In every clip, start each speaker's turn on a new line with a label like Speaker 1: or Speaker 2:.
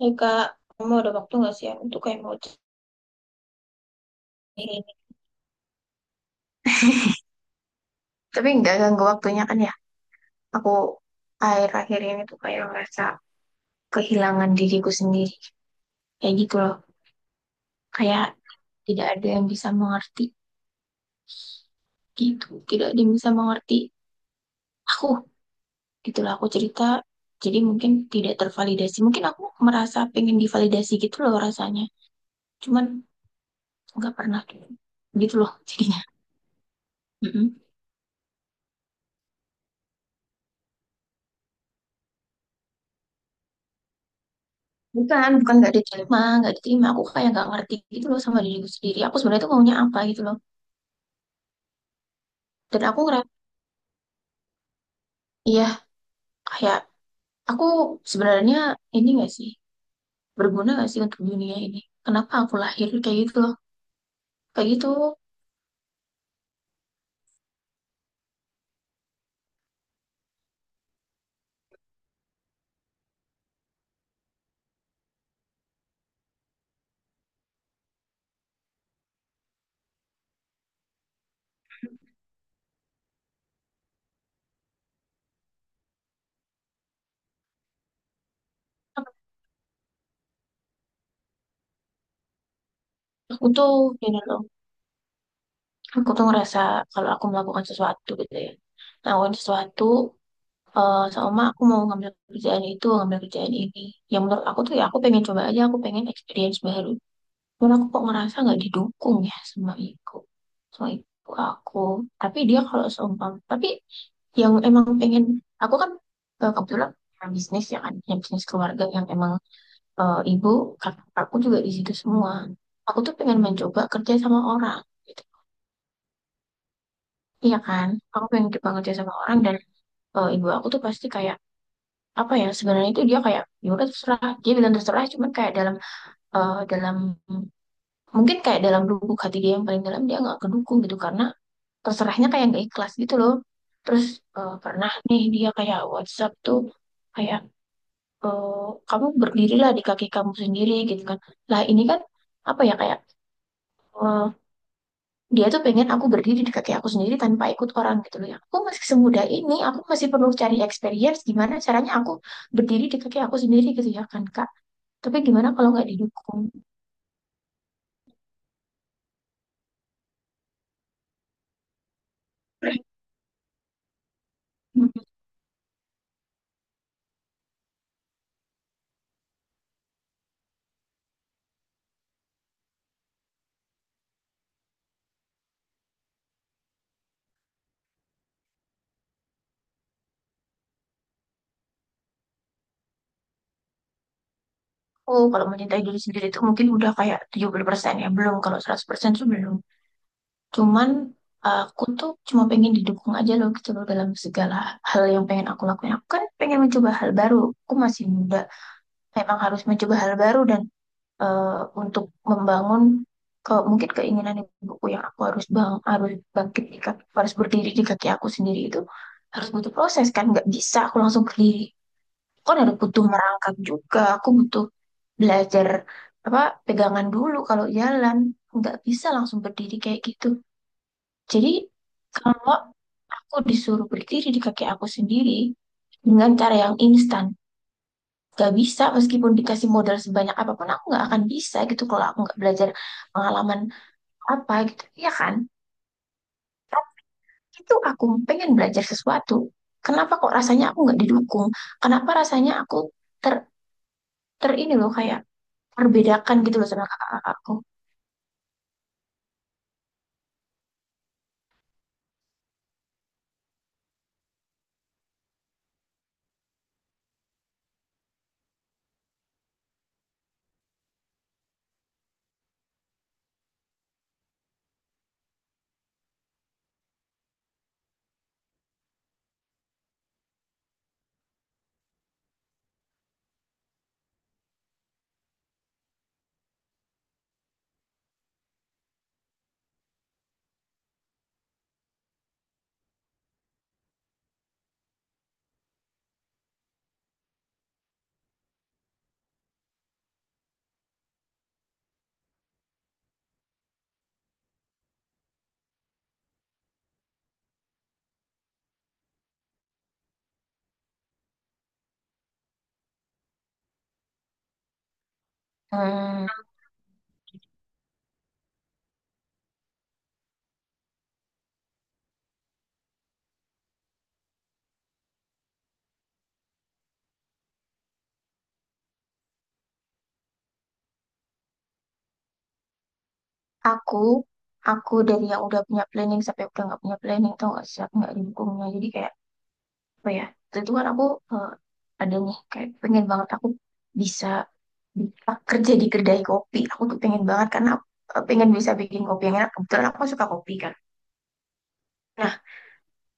Speaker 1: Hei, Kak, kamu ada waktu nggak sih ya untuk kayak mau cari? Tapi nggak ganggu waktunya kan ya. Aku akhir-akhir ini tuh kayak ngerasa kehilangan diriku sendiri. Kayak gitu loh. Kayak tidak ada yang bisa mengerti gitu. Tidak ada yang bisa mengerti aku. Itulah aku cerita. Jadi mungkin tidak tervalidasi. Mungkin aku merasa pengen divalidasi gitu loh rasanya. Cuman nggak pernah gitu loh jadinya. Bukan, bukan nggak diterima, nggak diterima. Aku kayak nggak ngerti gitu loh sama diriku sendiri. Aku sebenarnya tuh maunya apa gitu loh. Dan aku ngerasa, iya, kayak aku sebenarnya ini nggak sih, berguna nggak sih untuk dunia ini? Kenapa aku lahir kayak gitu loh? Kayak gitu. Aku tuh ini loh. Aku tuh ngerasa kalau aku melakukan sesuatu gitu ya, melakukan sesuatu, sama aku mau ngambil kerjaan itu, ngambil kerjaan ini. Yang menurut aku tuh ya aku pengen coba aja, aku pengen experience baru. Cuman aku kok ngerasa nggak didukung ya sama ibu. Sama ibu aku. Tapi dia kalau seumpam, tapi yang emang pengen, aku kan, kebetulan punya bisnis ya kan, punya bisnis keluarga yang emang, ibu, kakak aku juga di situ semua. Aku tuh pengen mencoba kerja sama orang gitu. Iya kan, aku pengen coba kerja sama orang dan, ibu aku tuh pasti kayak apa ya sebenarnya, itu dia kayak ya udah terserah, dia bilang terserah, cuman kayak dalam, dalam mungkin kayak dalam lubuk hati dia yang paling dalam dia nggak kedukung gitu karena terserahnya kayak nggak ikhlas gitu loh. Terus, pernah nih dia kayak WhatsApp tuh kayak, kamu berdirilah di kaki kamu sendiri gitu kan, lah ini kan apa ya kayak, eh, dia tuh pengen aku berdiri di kaki aku sendiri tanpa ikut orang gitu loh. Ya aku masih semudah ini, aku masih perlu cari experience gimana caranya aku berdiri di kaki aku sendiri gitu ya kan, Kak, tapi gimana kalau nggak didukung? Oh, kalau mencintai diri sendiri itu mungkin udah kayak 70% ya. Belum, kalau 100% tuh belum. Cuman aku tuh cuma pengen didukung aja loh gitu loh dalam segala hal yang pengen aku lakuin. Aku kan pengen mencoba hal baru. Aku masih muda. Memang harus mencoba hal baru dan, eh, untuk membangun ke mungkin keinginan ibuku yang aku harus harus bangkit di kaki, harus berdiri di kaki aku sendiri itu harus butuh proses kan, nggak bisa aku langsung berdiri, kan ada butuh merangkak juga, aku butuh belajar apa, pegangan dulu kalau jalan, nggak bisa langsung berdiri kayak gitu. Jadi kalau aku disuruh berdiri di kaki aku sendiri dengan cara yang instan, nggak bisa. Meskipun dikasih modal sebanyak apapun aku nggak akan bisa gitu kalau aku nggak belajar pengalaman apa gitu ya kan. Itu aku pengen belajar sesuatu, kenapa kok rasanya aku nggak didukung, kenapa rasanya aku ter ter ini loh, kayak terbedakan gitu loh sama kakak aku. Hmm, aku aku dari yang udah punya planning sampai udah nggak punya planning, tau gak sih aku nggak didukungnya, jadi kayak apa ya. Waktu itu kan aku, eh, ada nih kayak pengen banget aku bisa, bisa kerja di kedai kopi, aku tuh pengen banget karena aku, pengen bisa bikin kopi yang enak, kebetulan aku suka kopi kan. Nah,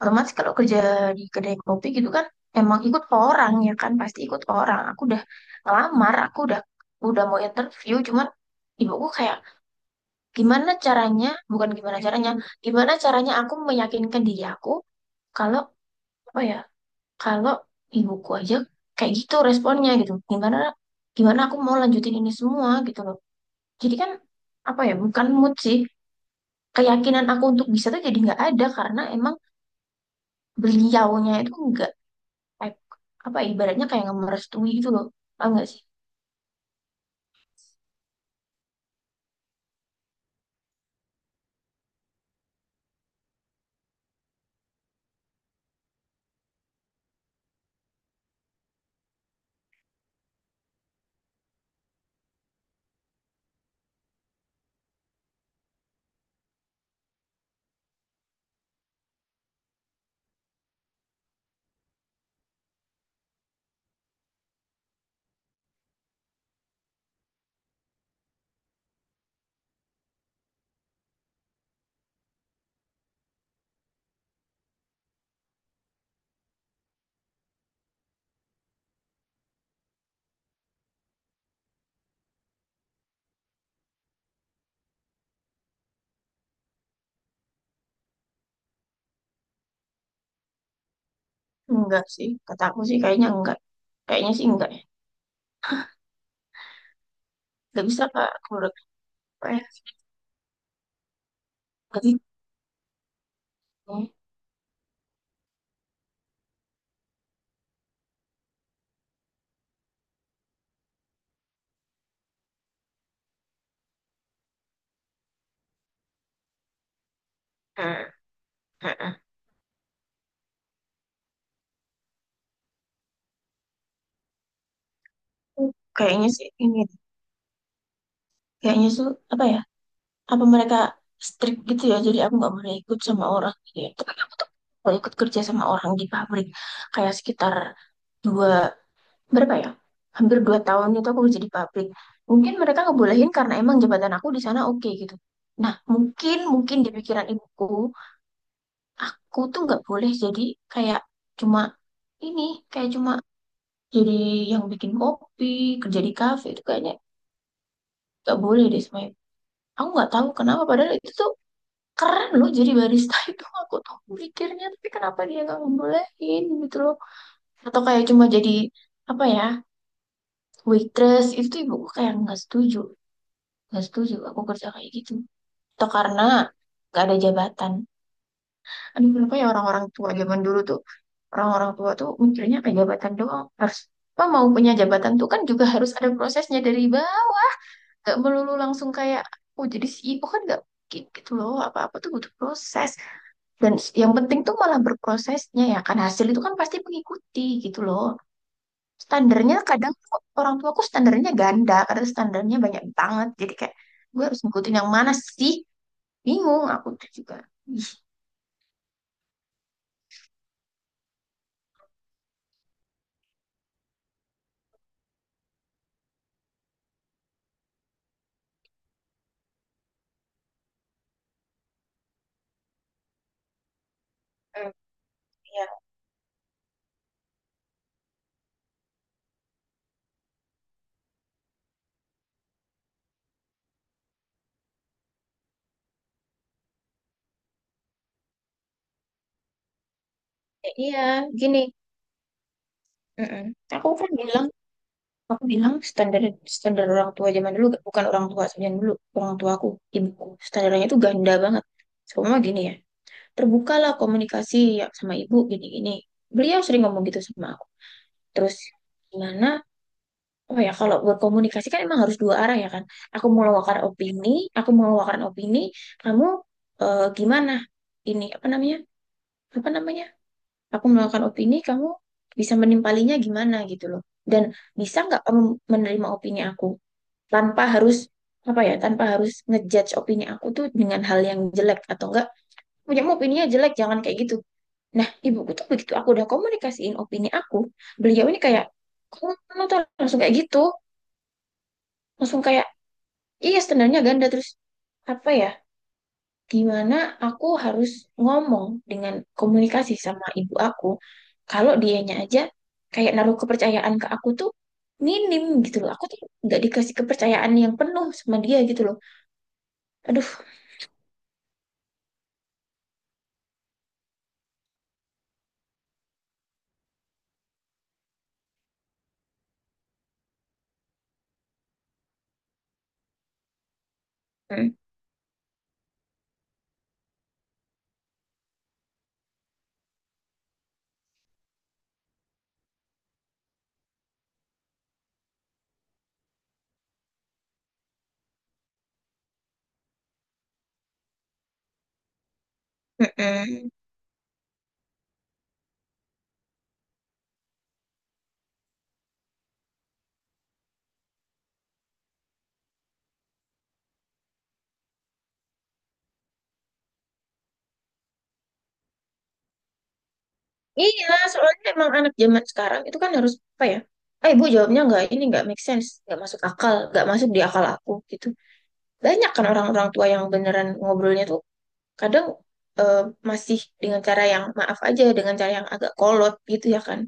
Speaker 1: otomatis kalau kerja di kedai kopi gitu kan emang ikut orang ya kan, pasti ikut orang. Aku udah ngelamar, aku udah, mau interview, cuman ibuku kayak gimana caranya, bukan gimana caranya, gimana caranya aku meyakinkan diri aku kalau apa ya, kalau ibuku aja kayak gitu responnya gitu. Gimana, gimana aku mau lanjutin ini semua gitu loh. Jadi kan apa ya, bukan mood sih. Keyakinan aku untuk bisa tuh jadi nggak ada karena emang beliaunya itu nggak kayak, apa ya, ibaratnya kayak nggak merestui gitu loh. Tahu nggak sih? Enggak sih, kata aku sih kayaknya enggak. Kayaknya sih enggak ya. Nggak bisa, Kak, aku apa ya? Nggak bisa. Hmm, hmm, hmm. Kayaknya sih ini, deh. Kayaknya tuh apa ya? Apa mereka strict gitu ya? Jadi aku nggak boleh ikut sama orang gitu ya. Tapi aku tuh kalau ikut kerja sama orang di pabrik kayak sekitar dua, berapa ya? Hampir 2 tahun itu aku kerja di pabrik. Mungkin mereka ngebolehin karena emang jabatan aku di sana oke gitu. Nah, mungkin mungkin di pikiran ibuku, aku tuh nggak boleh jadi kayak cuma ini, kayak cuma jadi yang bikin kopi, kerja di kafe itu kayaknya nggak boleh deh sama. Aku nggak tahu kenapa, padahal itu tuh keren loh jadi barista itu aku tuh mikirnya, tapi kenapa dia nggak ngebolehin gitu loh. Atau kayak cuma jadi apa ya, waitress, itu tuh ibuku kayak nggak setuju, nggak setuju aku kerja kayak gitu, atau karena nggak ada jabatan. Aduh, kenapa ya orang-orang tua zaman dulu tuh, orang-orang tua tuh mikirnya kayak jabatan doang harus, apa mau punya jabatan tuh kan juga harus ada prosesnya dari bawah, nggak melulu langsung kayak oh jadi CEO, kan nggak mungkin gitu loh, apa-apa tuh butuh proses. Dan yang penting tuh malah berprosesnya ya kan, hasil itu kan pasti mengikuti gitu loh. Standarnya kadang tuh orang tuaku, standarnya ganda karena standarnya banyak banget. Jadi kayak gue harus ngikutin yang mana sih? Bingung aku tuh juga. Ih. Mm. Iya. Ya, iya, gini. Mm-mm. Aku kan bilang, aku bilang standar, orang tua zaman dulu, bukan orang tua zaman dulu, orang tuaku, ibuku. Standarnya itu ganda banget. Semua gini ya. Terbukalah komunikasi ya sama ibu gini-gini. Beliau sering ngomong gitu sama aku. Terus gimana? Oh ya, kalau berkomunikasi kan emang harus dua arah ya kan. Aku mengeluarkan opini, aku mengeluarkan opini, kamu, gimana? Ini apa namanya? Apa namanya? Aku mengeluarkan opini, kamu bisa menimpalinya gimana gitu loh. Dan bisa nggak kamu menerima opini aku tanpa harus apa ya? Tanpa harus ngejudge opini aku tuh dengan hal yang jelek atau enggak? Punya opininya jelek, jangan kayak gitu. Nah, ibuku tuh begitu aku udah komunikasiin opini aku, beliau ini kayak, kamu kamu tuh langsung kayak gitu, langsung kayak, iya standarnya ganda. Terus apa ya, gimana aku harus ngomong dengan komunikasi sama ibu aku, kalau dianya aja kayak naruh kepercayaan ke aku tuh minim gitu loh, aku tuh nggak dikasih kepercayaan yang penuh sama dia gitu loh, aduh. Mm, mm, mm. Iya, soalnya emang anak zaman sekarang itu kan harus apa ya? Eh, Bu, jawabnya nggak, ini nggak make sense, nggak masuk akal, nggak masuk di akal aku gitu. Banyak kan orang-orang tua yang beneran ngobrolnya tuh kadang, eh, masih dengan cara yang maaf aja, dengan cara yang agak kolot gitu ya kan.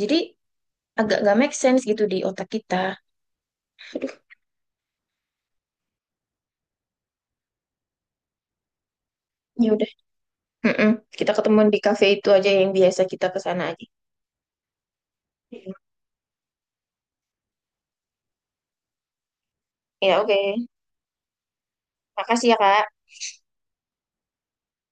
Speaker 1: Jadi agak nggak make sense gitu di otak kita. Aduh, ya udah. Mm-mm. Kita ketemuan di cafe itu aja yang biasa, kita ke sana aja. Ya, oke. Makasih ya, Kak.